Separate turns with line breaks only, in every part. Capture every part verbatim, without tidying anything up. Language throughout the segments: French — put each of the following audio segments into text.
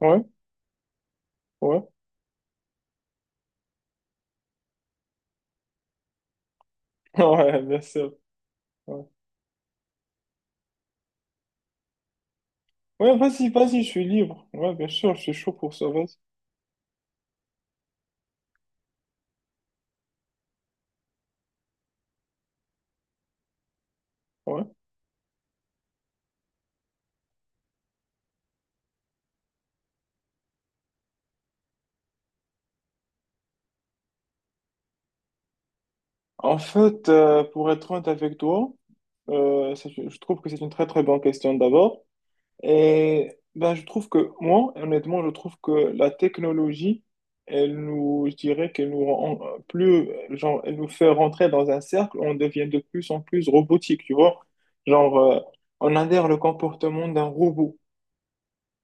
Ouais, ouais, ouais, bien sûr. Ouais, ouais, vas-y, vas-y, je suis libre. Ouais, bien sûr, je suis chaud pour ça, vas-y. Ouais. En fait, euh, pour être honnête avec toi, euh, ça, je je trouve que c'est une très très bonne question d'abord. Et ben, je trouve que moi, honnêtement, je trouve que la technologie, elle nous, je dirais qu'elle nous rend euh, plus, euh, genre, elle nous fait rentrer dans un cercle, on devient de plus en plus robotique, tu vois. Genre, euh, on adhère le comportement d'un robot.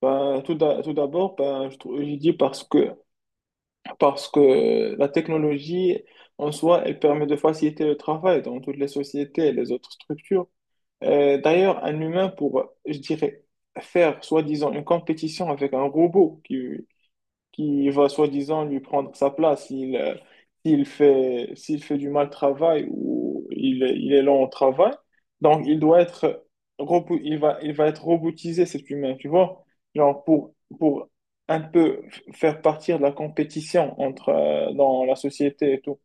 Ben, tout d'a- tout d'abord, ben, je, trou- je dis parce que, parce que la technologie en soi, elle permet de faciliter le travail dans toutes les sociétés et les autres structures. Euh, d'ailleurs, un humain pour, je dirais, faire soi-disant une compétition avec un robot qui, qui va soi-disant lui prendre sa place. Il, euh, s'il fait, s'il fait du mal travail ou il, est- il est lent au travail, donc il doit être, robo- il va, il va être robotisé, cet humain, tu vois? Genre pour, pour un peu f- faire partir de la compétition entre, euh, dans la société et tout.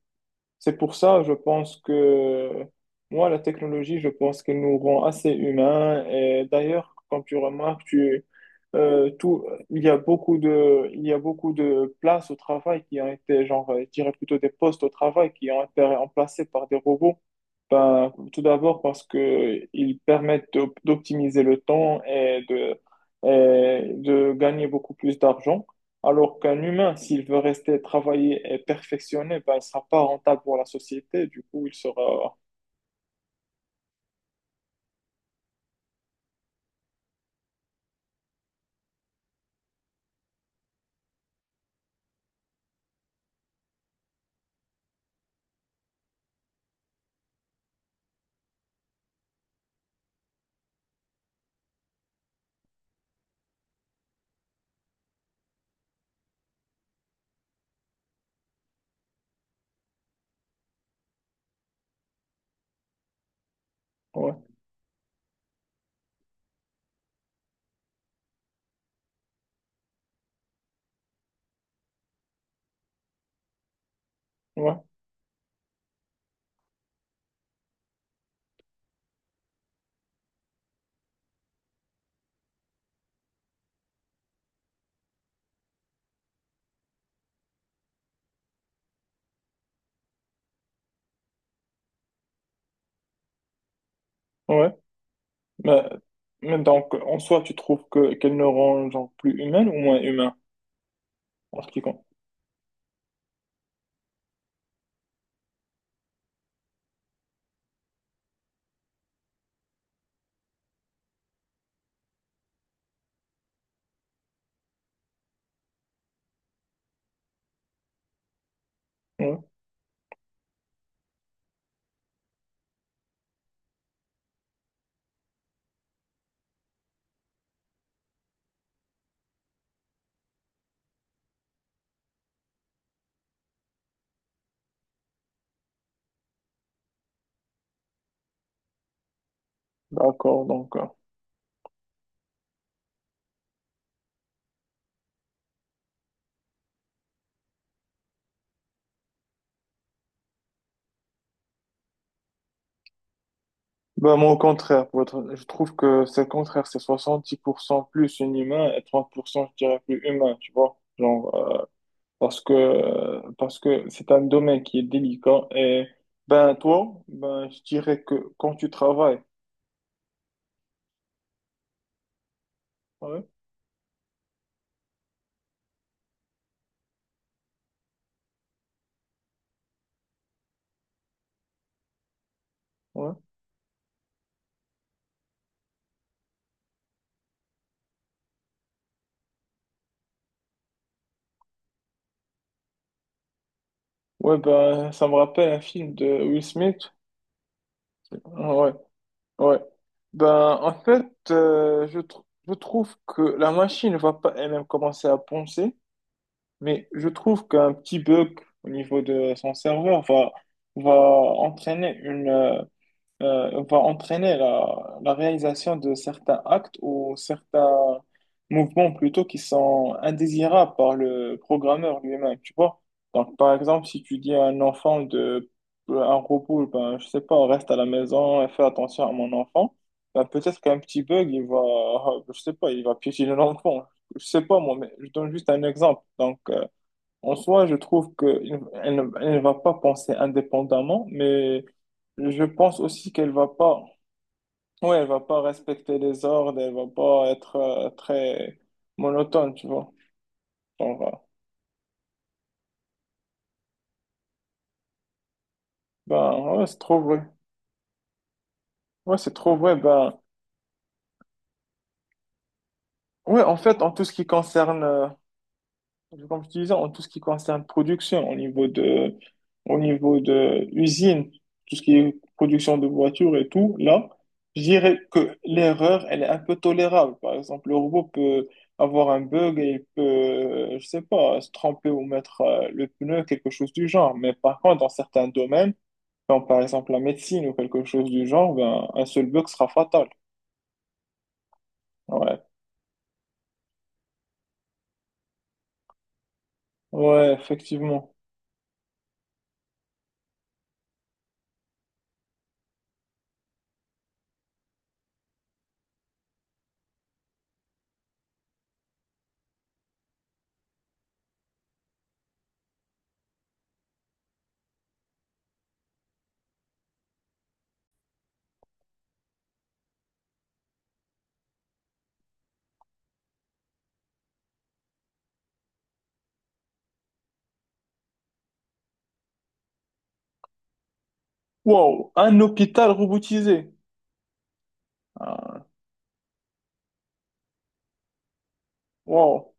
C'est pour ça, je pense que moi, la technologie, je pense qu'elle nous rend assez humains. Et d'ailleurs, quand tu remarques, tu euh, tout, il y a beaucoup de, il y a beaucoup de places au travail qui ont été, genre, euh, je dirais plutôt des postes au travail qui ont été remplacés par des robots. Ben, tout d'abord parce que ils permettent d'op- d'optimiser le temps et de, et de gagner beaucoup plus d'argent. Alors qu'un humain, s'il veut rester travailler et perfectionner, ben, il sera pas rentable pour la société. Du coup, il sera, ouais, ouais, ouais. Mais, mais donc, en soi, tu trouves que, qu'elle ne rend genre, plus humaine ou moins humain? Article. Ouais, d'accord, donc. Euh, bah, moi, au contraire, pour être- je trouve que c'est le contraire, c'est soixante-dix pour cent plus un humain et trente pour cent, je dirais, plus humain, tu vois. Genre, euh, parce que, euh, parce que c'est un domaine qui est délicat et, ben, toi, ben, je dirais que quand tu travailles, ouais, ouais, ouais, ben, ça me rappelle un film de Will Smith. Ah, ouais, ouais. Ben, en fait, euh, je, tr- je trouve que la machine va pas elle-même commencer à penser. Mais je trouve qu'un petit bug au niveau de son serveur va, va entraîner une, euh, euh, va entraîner la, la réalisation de certains actes ou certains mouvements plutôt qui sont indésirables par le programmeur lui-même, tu vois. Donc, par exemple, si tu dis à un enfant de, un robot, ben, je sais pas, reste à la maison et fais attention à mon enfant, ben, peut-être qu'un petit bug, il va, je sais pas, il va piétiner l'enfant. Je sais pas, moi, mais je donne juste un exemple. Donc, euh, en soi, je trouve qu'elle elle ne elle ne va pas penser indépendamment, mais je pense aussi qu'elle va pas, ouais, elle va pas respecter les ordres, elle va pas être euh, très monotone, tu vois. Genre, euh, ben, ouais, c'est trop vrai. Ouais, c'est trop vrai. Ben, ouais, en fait, en tout ce qui concerne euh, comme je disais, en tout ce qui concerne production, au niveau de, au niveau de usine, tout ce qui est production de voitures et tout, là, je dirais que l'erreur, elle est un peu tolérable. Par exemple, le robot peut avoir un bug et il peut, euh, je sais pas, se tromper ou mettre euh, le pneu, quelque chose du genre. Mais par contre, dans certains domaines, comme par exemple la médecine ou quelque chose du genre, ben, un seul bug sera fatal. Ouais, ouais, effectivement. Wow, un hôpital robotisé. Ah, wow.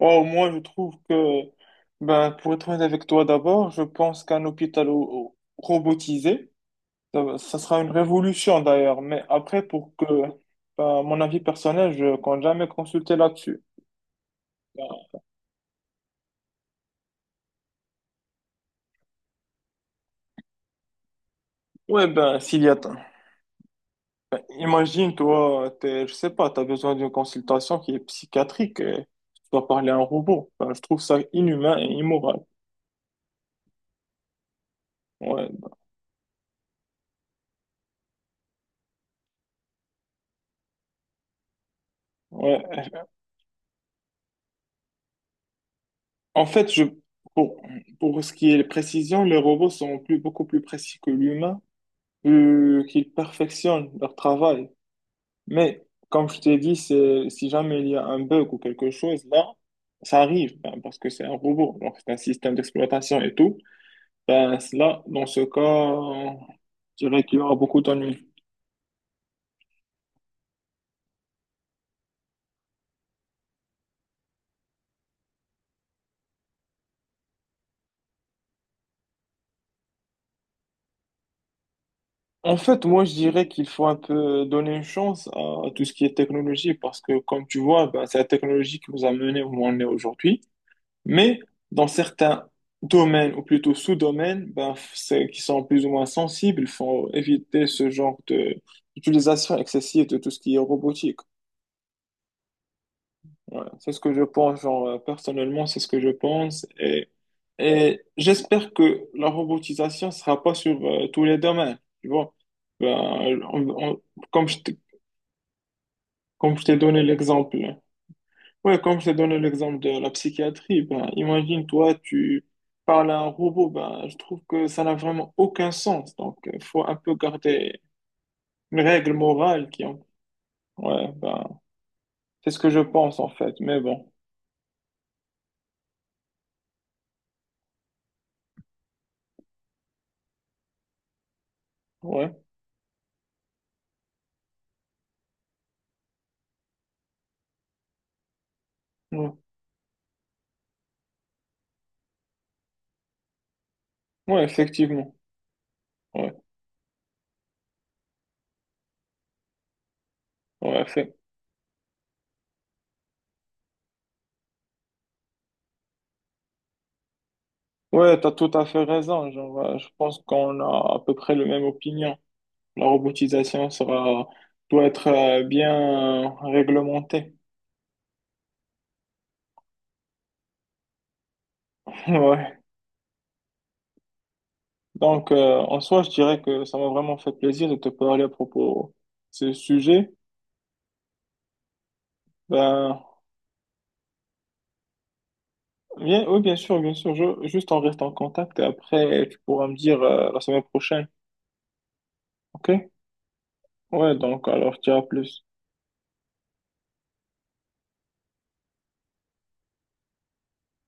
Oh, moi, je trouve que, ben, pour être honnête avec toi d'abord, je pense qu'un hôpital au- au- robotisé, ça, ça sera une révolution d'ailleurs. Mais après, pour que, ben, mon avis personnel, je compte jamais consulter là-dessus. Ben, ouais, ben, s'il y a, t- imagine, toi, t'es, je sais pas, t'as besoin d'une consultation qui est psychiatrique et tu dois parler à un robot. Ben, je trouve ça inhumain et immoral. Ouais, ouais. En fait, je, pour, pour ce qui est précision, les robots sont plus, beaucoup plus précis que l'humain. Euh, qu'ils perfectionnent leur travail. Mais comme je t'ai dit, c'est, si jamais il y a un bug ou quelque chose, là, ça arrive ben, parce que c'est un robot, donc c'est un système d'exploitation et tout. Ben, là, dans ce cas, je dirais qu'il y aura beaucoup d'ennuis. En fait, moi, je dirais qu'il faut un peu donner une chance à tout ce qui est technologie parce que, comme tu vois, ben, c'est la technologie qui nous a menés où on est aujourd'hui. Mais dans certains domaines, ou plutôt sous-domaines, ben, c'est qui sont plus ou moins sensibles, il faut éviter ce genre de d'utilisation excessive de tout ce qui est robotique. Voilà. C'est ce que je pense, genre, euh, personnellement, c'est ce que je pense. Et, et j'espère que la robotisation ne sera pas sur euh, tous les domaines. Tu vois, ben, on- on- comme je t'ai comme je t'ai donné l'exemple. Ouais, comme je t'ai donné l'exemple de la psychiatrie, ben, imagine, toi, tu parles à un robot, ben, je trouve que ça n'a vraiment aucun sens. Donc, il faut un peu garder une règle morale qui, en- ouais, ben, c'est ce que je pense, en fait. Mais bon, ouais, ouais, ouais, effectivement. Ouais, ouais, fait. Ouais, t'as tout à fait raison. Genre, euh, je pense qu'on a à peu près la même opinion. La robotisation sera, doit être euh, bien réglementée. Ouais. Donc, euh, en soi, je dirais que ça m'a vraiment fait plaisir de te parler à propos de ce sujet. Ben, bien, oui, bien sûr, bien sûr. Je, juste on reste en contact et après, tu pourras me dire euh, la semaine prochaine. OK? Ouais, donc, alors, je dirais à plus.